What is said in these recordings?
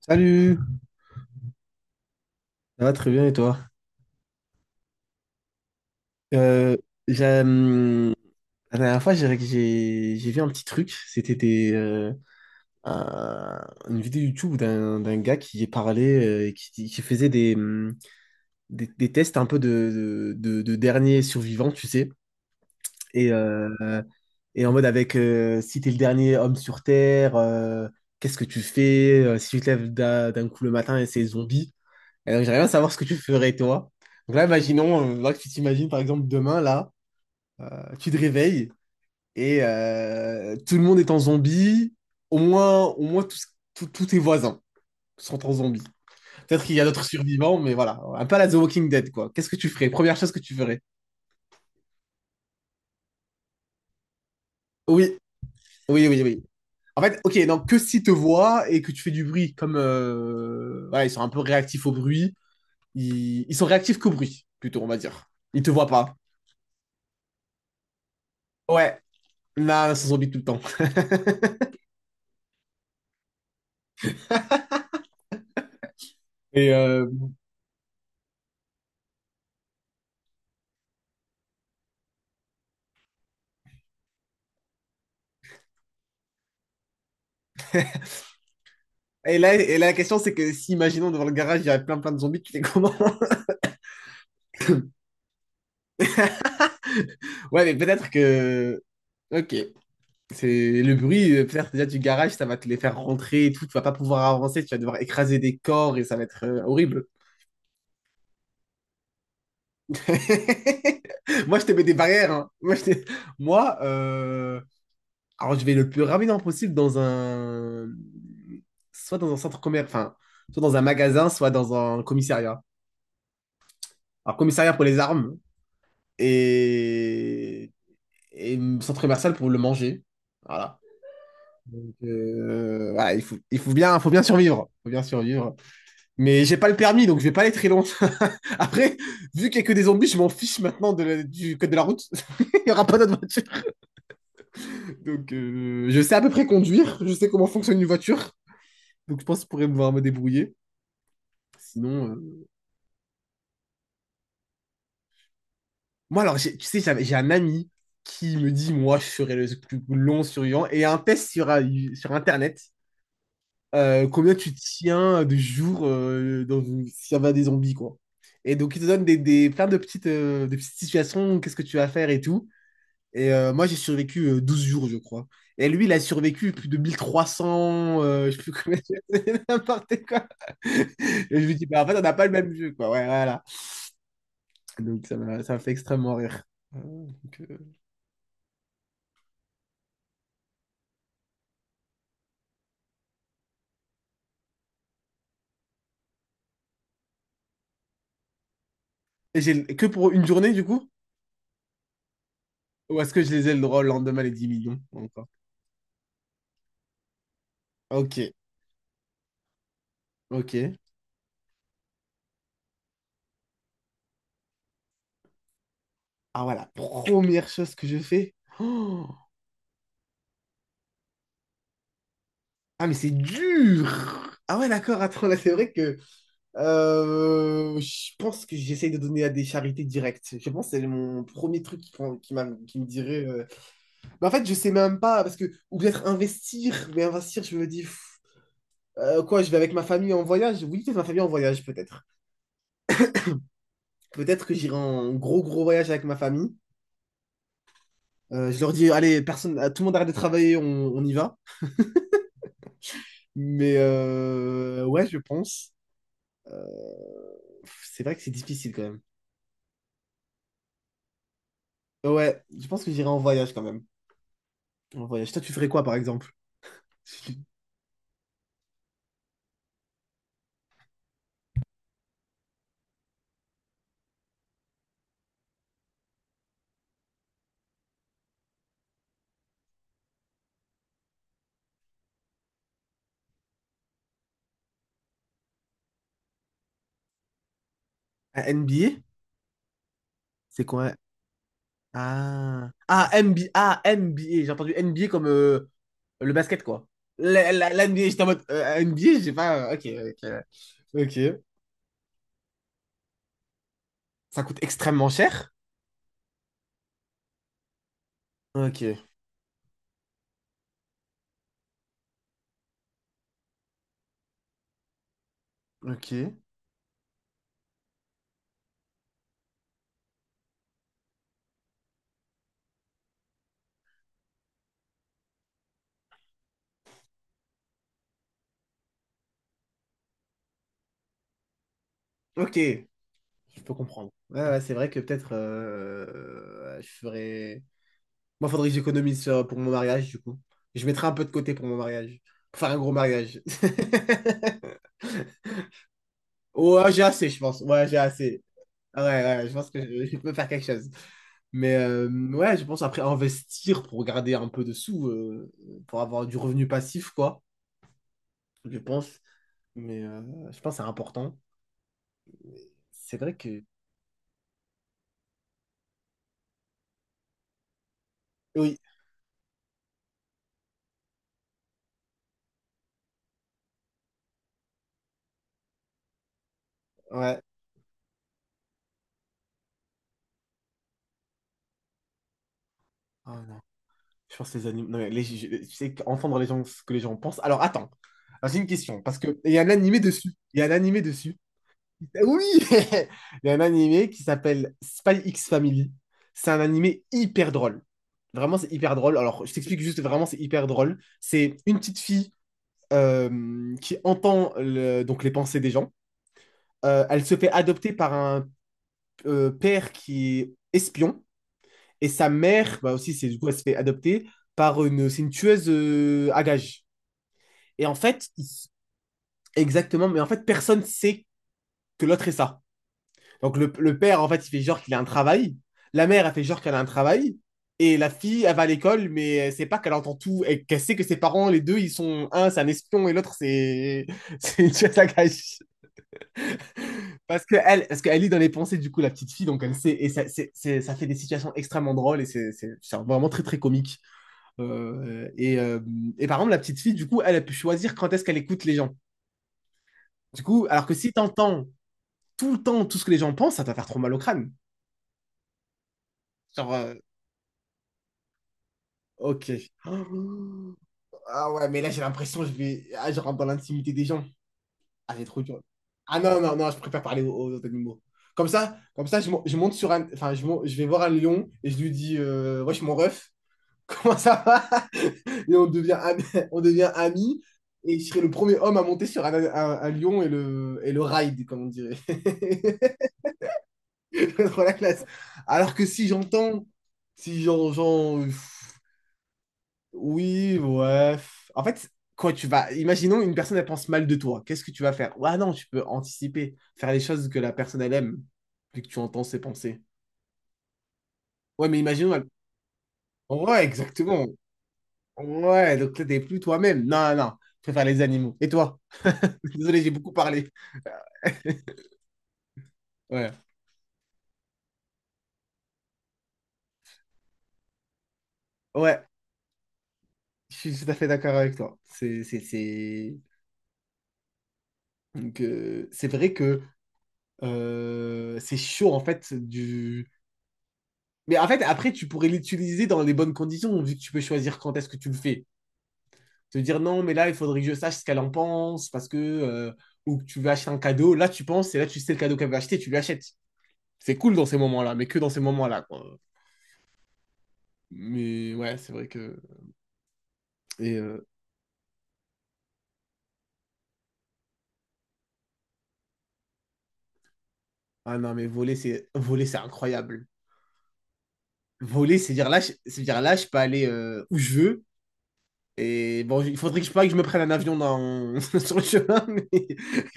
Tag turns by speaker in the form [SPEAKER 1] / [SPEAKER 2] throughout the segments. [SPEAKER 1] Salut, ça va très bien et toi? Euh, j'ai, hum, la dernière fois, j'ai vu un petit truc. C'était une vidéo YouTube d'un gars qui parlait, et qui faisait des tests un peu de dernier survivant, tu sais. Et, euh, et en mode avec, si t'es le dernier homme sur Terre, qu'est-ce que tu fais? Si tu te lèves d'un coup le matin et c'est zombie. Et donc, j'aimerais bien savoir ce que tu ferais, toi. Donc là, imaginons, là, que tu t'imagines, par exemple, demain, là, tu te réveilles et, tout le monde est en zombie. Au moins, tous tes voisins sont en zombie. Peut-être qu'il y a d'autres survivants, mais voilà. Un peu à la The Walking Dead, quoi. Qu'est-ce que tu ferais? Première chose que tu ferais. Oui, oui, oui, oui. En fait, ok, donc que s'ils te voient et que tu fais du bruit, comme, voilà, ils sont un peu réactifs au bruit. Ils sont réactifs qu'au bruit, plutôt, on va dire. Ils te voient pas. Ouais, là, ils sont zombies tout le temps. Et, euh, et là, la question, c'est que si, imaginons, devant le garage, il y a plein plein de zombies, tu fais comment? Ouais, mais peut-être que. Ok. C'est le bruit, peut-être déjà du garage, ça va te les faire rentrer et tout, tu vas pas pouvoir avancer, tu vas devoir écraser des corps et ça va être, horrible. Moi, je te mets des barrières. Hein. Moi, alors je vais le plus rapidement possible dans un. Soit dans un centre commercial, enfin, soit dans un magasin, soit dans un commissariat. Alors, commissariat pour les armes, et, et centre commercial pour le manger. Voilà. Donc, voilà, il faut bien, faut bien survivre. Faut bien survivre. Mais j'ai pas le permis, donc je vais pas aller très loin. Après, vu qu'il y a que des zombies, je m'en fiche maintenant du code de la route. Il y aura pas d'autre voiture. Donc, je sais à peu près conduire. Je sais comment fonctionne une voiture. Donc, je pense que je pourrais pouvoir me débrouiller. Sinon, moi, alors, tu sais, j'ai un ami qui me dit, moi, je serai le plus long survivant. Et il y a un test sur Internet, combien tu tiens de jours, s'il y avait des zombies, quoi. Et donc, ils te donnent plein de petites, des petites situations, qu'est-ce que tu vas faire et tout. Et, moi, j'ai survécu, 12 jours, je crois. Et lui, il a survécu plus de 1300, je sais plus combien, c'est n'importe quoi. Et je lui dis, bah, en fait, on n'a pas le même jeu, quoi. Ouais, voilà. Donc, ça m'a fait extrêmement rire. Ah, donc, et j'ai que pour une journée, du coup? Ou est-ce que je les ai le droit le lendemain, les 10 millions encore? Ok, ok. Ah ouais, la première chose que je fais. Oh, ah, mais c'est dur. Ah ouais, d'accord, attends, là c'est vrai que, je pense que j'essaye de donner à des charités directes. Je pense que c'est mon premier truc qui me dirait. Mais en fait, je sais même pas, parce que. Ou peut-être investir, mais investir, je me dis, quoi, je vais avec ma famille en voyage? Oui, peut-être ma famille en voyage, peut-être. Peut-être que j'irai en gros, gros voyage avec ma famille. Je leur dis, allez, personne, tout le monde arrête de travailler, on y va. Mais, ouais, je pense. C'est vrai que c'est difficile quand même. Ouais, je pense que j'irai en voyage quand même. En voyage. Toi, tu ferais quoi par exemple? Un NBA? C'est quoi? Ah, ah, NBA, ah, NBA. J'ai entendu NBA comme, le basket quoi. La NBA, j'étais en mode, NBA, j'ai pas. Ok, ok. Ok. Ça coûte extrêmement cher. Ok, ok. Ok, je peux comprendre. Ouais, ouais, c'est vrai que peut-être, je ferais. Moi, faudrait que j'économise, pour mon mariage, du coup. Je mettrai un peu de côté pour mon mariage. Pour faire un gros mariage. Ouais, j'ai assez, je pense. Ouais, j'ai assez. Ouais, ouais, ouais, je pense que je peux faire quelque chose. Mais, ouais, je pense après investir pour garder un peu de sous, pour avoir du revenu passif, quoi. Je pense. Mais, je pense que c'est important. C'est vrai que. Oui, ouais. Oh, non. Je pense que les animaux. Non, mais tu sais qu'entendre les gens, ce que les gens pensent. Alors attends. Alors, j'ai une question, parce que il y a un animé dessus. Il y a un animé dessus. Oui! Il y a un animé qui s'appelle Spy X Family. C'est un animé hyper drôle. Vraiment, c'est hyper drôle. Alors, je t'explique juste, vraiment, c'est hyper drôle. C'est une petite fille, qui entend donc les pensées des gens. Elle se fait adopter par un, père qui est espion. Et sa mère, bah aussi, c'est du coup, elle se fait adopter par une, c'est une tueuse, à gages. Et en fait, exactement, mais en fait, personne sait que l'autre est ça. Donc le père, en fait, il fait genre qu'il a un travail. La mère, elle fait genre qu'elle a un travail. Et la fille, elle va à l'école, mais elle sait pas qu'elle entend tout et qu'elle sait que ses parents, les deux, ils sont un, c'est un espion et l'autre, c'est c'est une tueuse à gages. Parce que elle, parce qu'elle lit dans les pensées du coup la petite fille, donc elle sait et ça, ça fait des situations extrêmement drôles et c'est vraiment très très comique. Euh, et, euh, et par exemple, la petite fille, du coup, elle a pu choisir quand est-ce qu'elle écoute les gens. Du coup, alors que si t'entends tout le temps tout ce que les gens pensent, ça va faire trop mal au crâne. Genre, ok. Ah ouais, mais là, j'ai l'impression que je vais. Ah, je rentre dans l'intimité des gens. Ah, c'est trop dur. Ah non, non, non, je préfère parler aux autres animaux. Comme ça je monte sur un. Enfin, je vais voir un lion et je lui dis, Wesh, mon ref. Comment ça va? Et on devient, ami- on devient amis. Et je serai le premier homme à monter sur un lion et le ride, comme on dirait. Trop la classe. Alors que si j'entends, si j'en, j'en- Oui, ouais. pff. En fait, quand tu vas. Imaginons une personne, elle pense mal de toi. Qu'est-ce que tu vas faire? Ouais, non, tu peux anticiper, faire les choses que la personne, elle aime, vu que tu entends ses pensées. Ouais, mais imaginons. Elle- Ouais, exactement. Ouais, donc là, t'es plus toi-même. Non, non, non. Je préfère les animaux. Et toi? Je suis désolé, j'ai beaucoup parlé. Ouais, ouais, je suis tout à fait d'accord avec toi. C'est, c'est. Donc, c'est vrai que, c'est chaud en fait du. Mais en fait, après, tu pourrais l'utiliser dans les bonnes conditions, vu que tu peux choisir quand est-ce que tu le fais. Te dire non, mais là, il faudrait que je sache ce qu'elle en pense, parce que. Ou que tu veux acheter un cadeau. Là, tu penses, et là, tu sais le cadeau qu'elle veut acheter, tu lui achètes. C'est cool dans ces moments-là, mais que dans ces moments-là, quoi. Mais ouais, c'est vrai que. Et, ah non, mais voler, c'est incroyable. Voler, c'est dire là, c'est dire là, je peux aller, où je veux. Et bon, il faudrait pas que je me prenne un avion dans, sur le chemin, mais,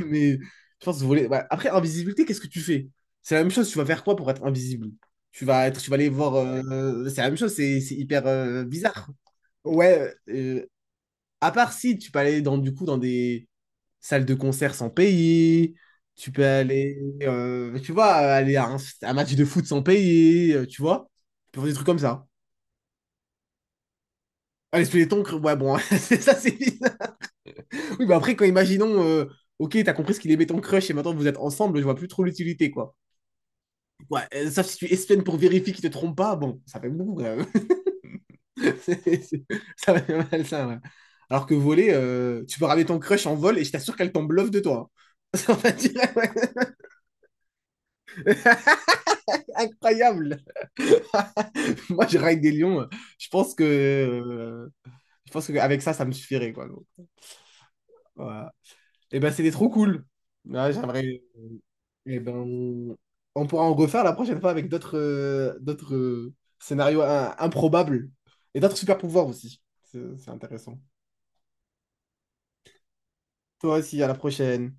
[SPEAKER 1] mais je pense voler. Ouais. Après, invisibilité, qu'est-ce que tu fais? C'est la même chose, tu vas faire quoi pour être invisible? Tu vas aller voir. C'est la même chose, c'est hyper, bizarre. Ouais, à part si tu peux aller dans, du coup, dans des salles de concert sans payer, tu peux aller, tu vois, aller à un match de foot sans payer, tu vois, tu peux faire des trucs comme ça. Ah, les squelettons, ouais, bon, c'est ça, c'est bizarre. Oui, bah après, quand imaginons, ok, t'as compris ce qu'il est béton crush et maintenant vous êtes ensemble, je vois plus trop l'utilité, quoi. Ouais, sauf si tu espènes pour vérifier qu'il te trompe pas, bon, ça fait beaucoup, quand même. C'est- c'est- Ça fait mal, ça, ouais. Alors que voler, tu peux ramener ton crush en vol et je t'assure qu'elle tombe bluff de toi. Hein. Ça va dire, ouais. Incroyable! Moi, je raille des lions, je pense que, je pense qu'avec ça, ça me suffirait, quoi. Donc, voilà. Et ben, c'était trop cool. Ouais, j'aimerais. Eh ben, on pourra en refaire la prochaine fois avec d'autres, d'autres, scénarios, improbables et d'autres super pouvoirs aussi. C'est intéressant. Toi aussi, à la prochaine.